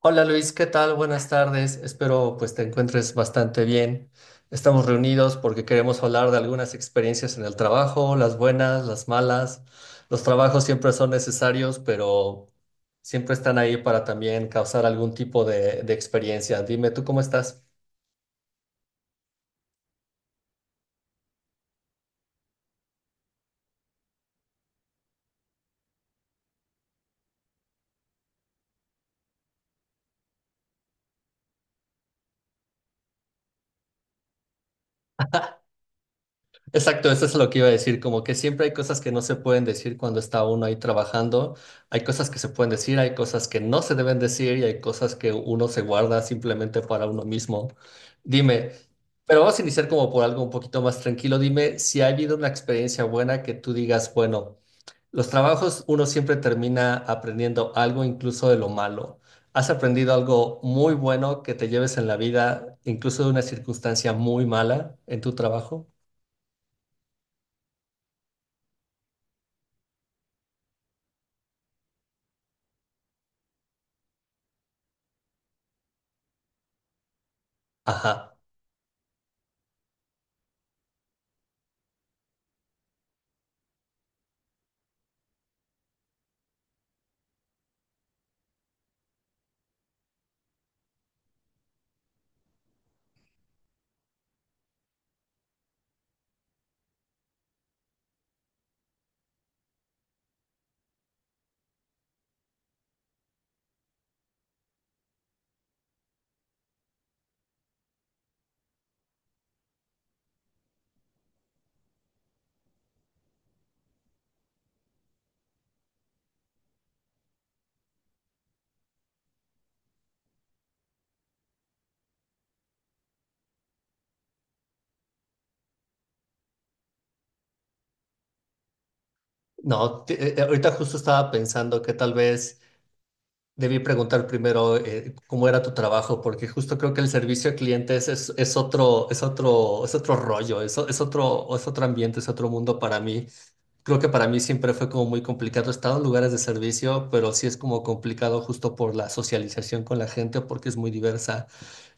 Hola Luis, ¿qué tal? Buenas tardes. Espero pues te encuentres bastante bien. Estamos reunidos porque queremos hablar de algunas experiencias en el trabajo, las buenas, las malas. Los trabajos siempre son necesarios, pero siempre están ahí para también causar algún tipo de experiencia. Dime, ¿tú cómo estás? Exacto, eso es lo que iba a decir, como que siempre hay cosas que no se pueden decir cuando está uno ahí trabajando, hay cosas que se pueden decir, hay cosas que no se deben decir y hay cosas que uno se guarda simplemente para uno mismo. Dime, pero vamos a iniciar como por algo un poquito más tranquilo, dime si ha habido una experiencia buena que tú digas, bueno, los trabajos uno siempre termina aprendiendo algo incluso de lo malo. ¿Has aprendido algo muy bueno que te lleves en la vida, incluso de una circunstancia muy mala en tu trabajo? Ajá. No, te- ahorita justo estaba pensando que tal vez debí preguntar primero cómo era tu trabajo, porque justo creo que el servicio a clientes es otro rollo, es otro ambiente, es otro mundo para mí. Creo que para mí siempre fue como muy complicado. He estado en lugares de servicio, pero sí es como complicado justo por la socialización con la gente, porque es muy diversa.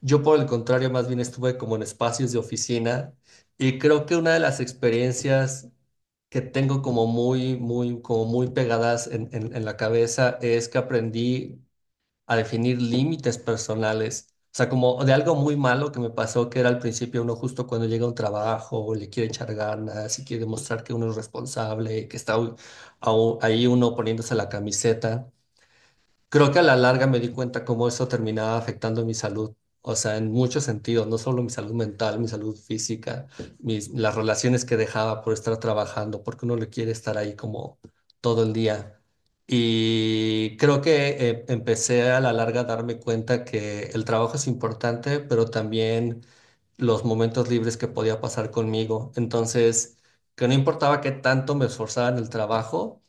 Yo, por el contrario, más bien estuve como en espacios de oficina y creo que una de las experiencias que tengo como muy, muy, como muy pegadas en la cabeza es que aprendí a definir límites personales. O sea, como de algo muy malo que me pasó, que era al principio uno justo cuando llega a un trabajo, le quiere echar ganas y quiere demostrar que uno es responsable, que está u- au- ahí uno poniéndose la camiseta. Creo que a la larga me di cuenta cómo eso terminaba afectando mi salud, o sea, en muchos sentidos, no solo mi salud mental, mi salud física, las relaciones que dejaba por estar trabajando, porque uno le quiere estar ahí como todo el día. Y creo que empecé a la larga a darme cuenta que el trabajo es importante, pero también los momentos libres que podía pasar conmigo. Entonces, que no importaba qué tanto me esforzara en el trabajo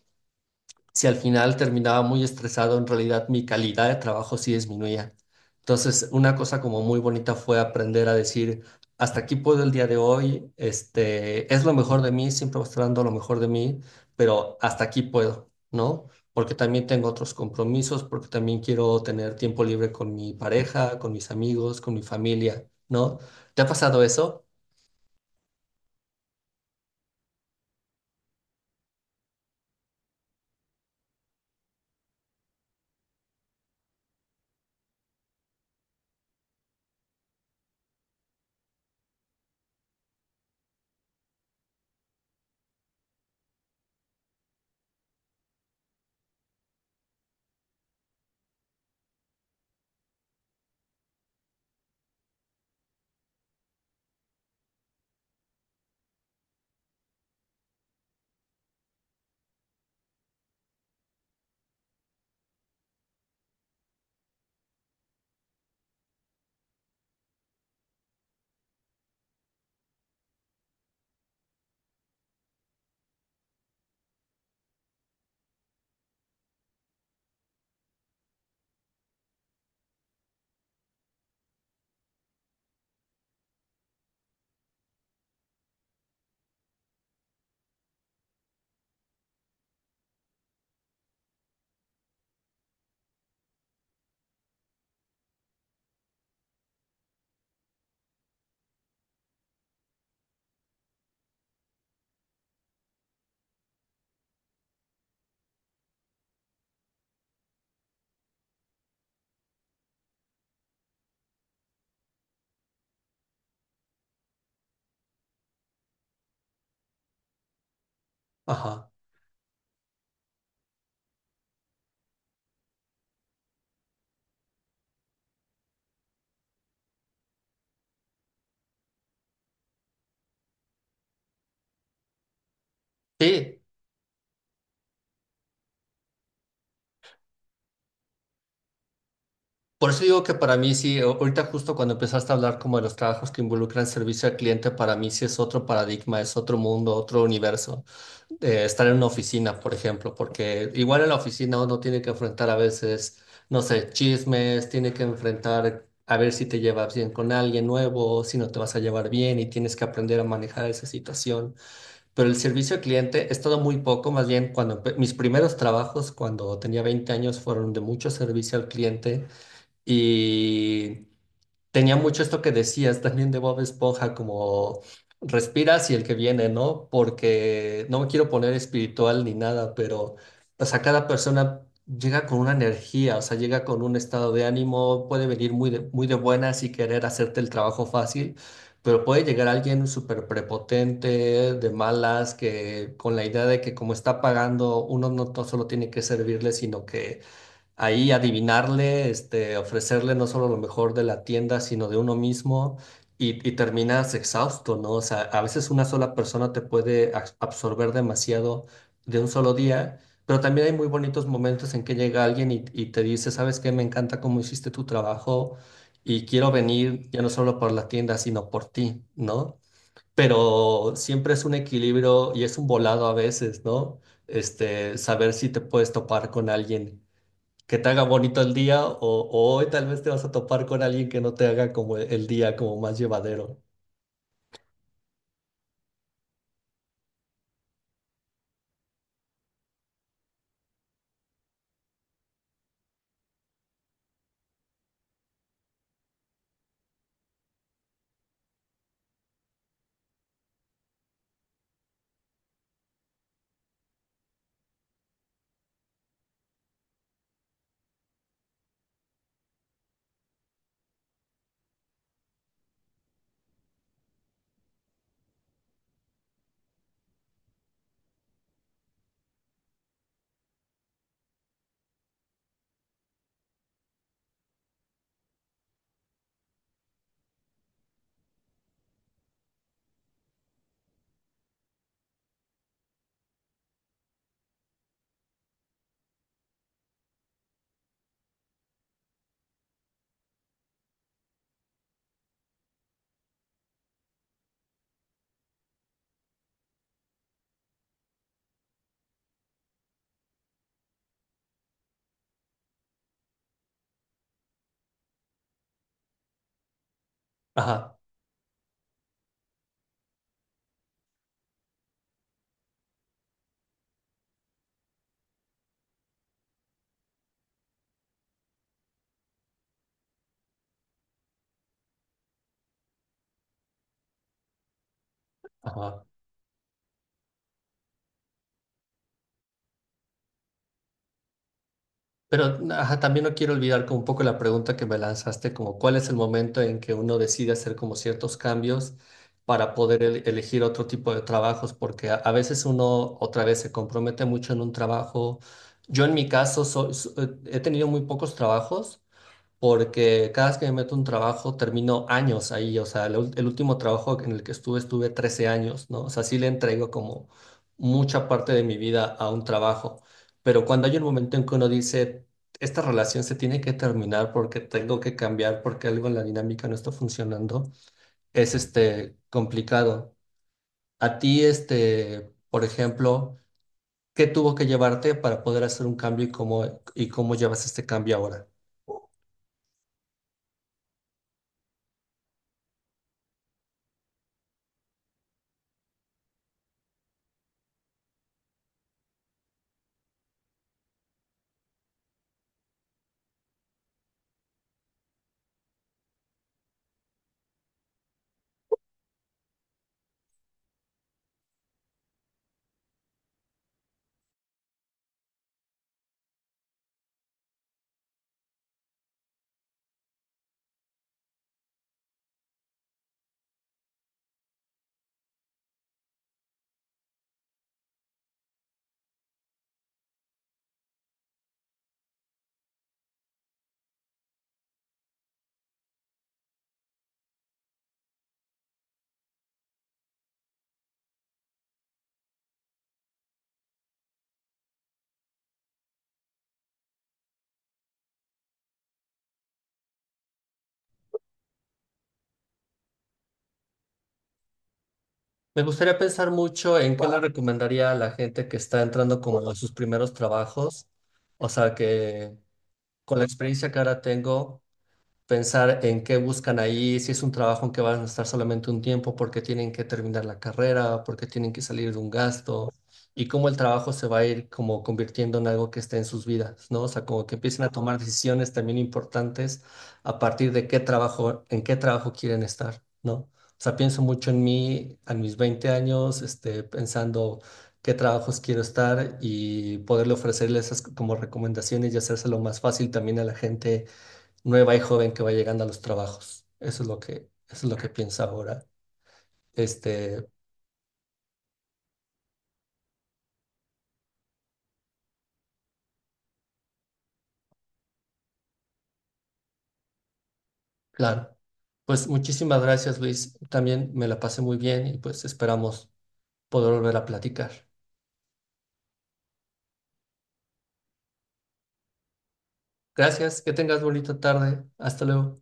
si al final terminaba muy estresado, en realidad mi calidad de trabajo sí disminuía. Entonces, una cosa como muy bonita fue aprender a decir, hasta aquí puedo el día de hoy, este, es lo mejor de mí, siempre voy a estar dando lo mejor de mí, pero hasta aquí puedo, ¿no? Porque también tengo otros compromisos, porque también quiero tener tiempo libre con mi pareja, con mis amigos, con mi familia, ¿no? ¿Te ha pasado eso? Ajá. Sí. Por eso digo que para mí sí, ahorita justo cuando empezaste a hablar como de los trabajos que involucran servicio al cliente, para mí sí es otro paradigma, es otro mundo, otro universo. Estar en una oficina, por ejemplo, porque igual en la oficina uno tiene que enfrentar a veces, no sé, chismes, tiene que enfrentar a ver si te llevas bien con alguien nuevo, si no te vas a llevar bien y tienes que aprender a manejar esa situación. Pero el servicio al cliente he estado muy poco, más bien mis primeros trabajos, cuando tenía 20 años, fueron de mucho servicio al cliente y tenía mucho esto que decías también de Bob Esponja, como respiras y el que viene, ¿no? Porque no me quiero poner espiritual ni nada, pero o sea, cada persona llega con una energía, o sea, llega con un estado de ánimo, puede venir muy de buenas y querer hacerte el trabajo fácil, pero puede llegar alguien súper prepotente, de malas, que con la idea de que como está pagando, uno no to- solo tiene que servirle, sino que ahí adivinarle, este, ofrecerle no solo lo mejor de la tienda, sino de uno mismo y terminas exhausto, ¿no? O sea, a veces una sola persona te puede absorber demasiado de un solo día, pero también hay muy bonitos momentos en que llega alguien y te dice, ¿sabes qué? Me encanta cómo hiciste tu trabajo y quiero venir ya no solo por la tienda, sino por ti, ¿no? Pero siempre es un equilibrio y es un volado a veces, ¿no? Este, saber si te puedes topar con alguien que te haga bonito el día o hoy tal vez te vas a topar con alguien que no te haga como el día como más llevadero. Ajá, ajá. Pero ajá, también no quiero olvidar como un poco la pregunta que me lanzaste, como cuál es el momento en que uno decide hacer como ciertos cambios para poder elegir otro tipo de trabajos, porque a veces uno otra vez se compromete mucho en un trabajo. Yo en mi caso he tenido muy pocos trabajos porque cada vez que me meto un trabajo termino años ahí, o sea, último trabajo en el que estuve estuve 13 años, ¿no? O sea, sí le entrego como mucha parte de mi vida a un trabajo, pero cuando hay un momento en que uno dice, esta relación se tiene que terminar porque tengo que cambiar, porque algo en la dinámica no está funcionando, es este complicado. A ti, este, por ejemplo, ¿qué tuvo que llevarte para poder hacer un cambio y cómo, ¿y cómo llevas este cambio ahora? Me gustaría pensar mucho en qué le recomendaría a la gente que está entrando como a sus primeros trabajos, o sea, que con la experiencia que ahora tengo pensar en qué buscan ahí, si es un trabajo en que van a estar solamente un tiempo porque tienen que terminar la carrera, porque tienen que salir de un gasto, y cómo el trabajo se va a ir como convirtiendo en algo que esté en sus vidas, ¿no? O sea, como que empiecen a tomar decisiones también importantes a partir de qué trabajo, en qué trabajo quieren estar, ¿no? O sea, pienso mucho en mí, a mis 20 años, este, pensando qué trabajos quiero estar y poderle ofrecerles esas como recomendaciones y hacérselo más fácil también a la gente nueva y joven que va llegando a los trabajos. Eso es lo que pienso ahora. Este, claro. Pues muchísimas gracias, Luis. También me la pasé muy bien y pues esperamos poder volver a platicar. Gracias, que tengas bonita tarde. Hasta luego.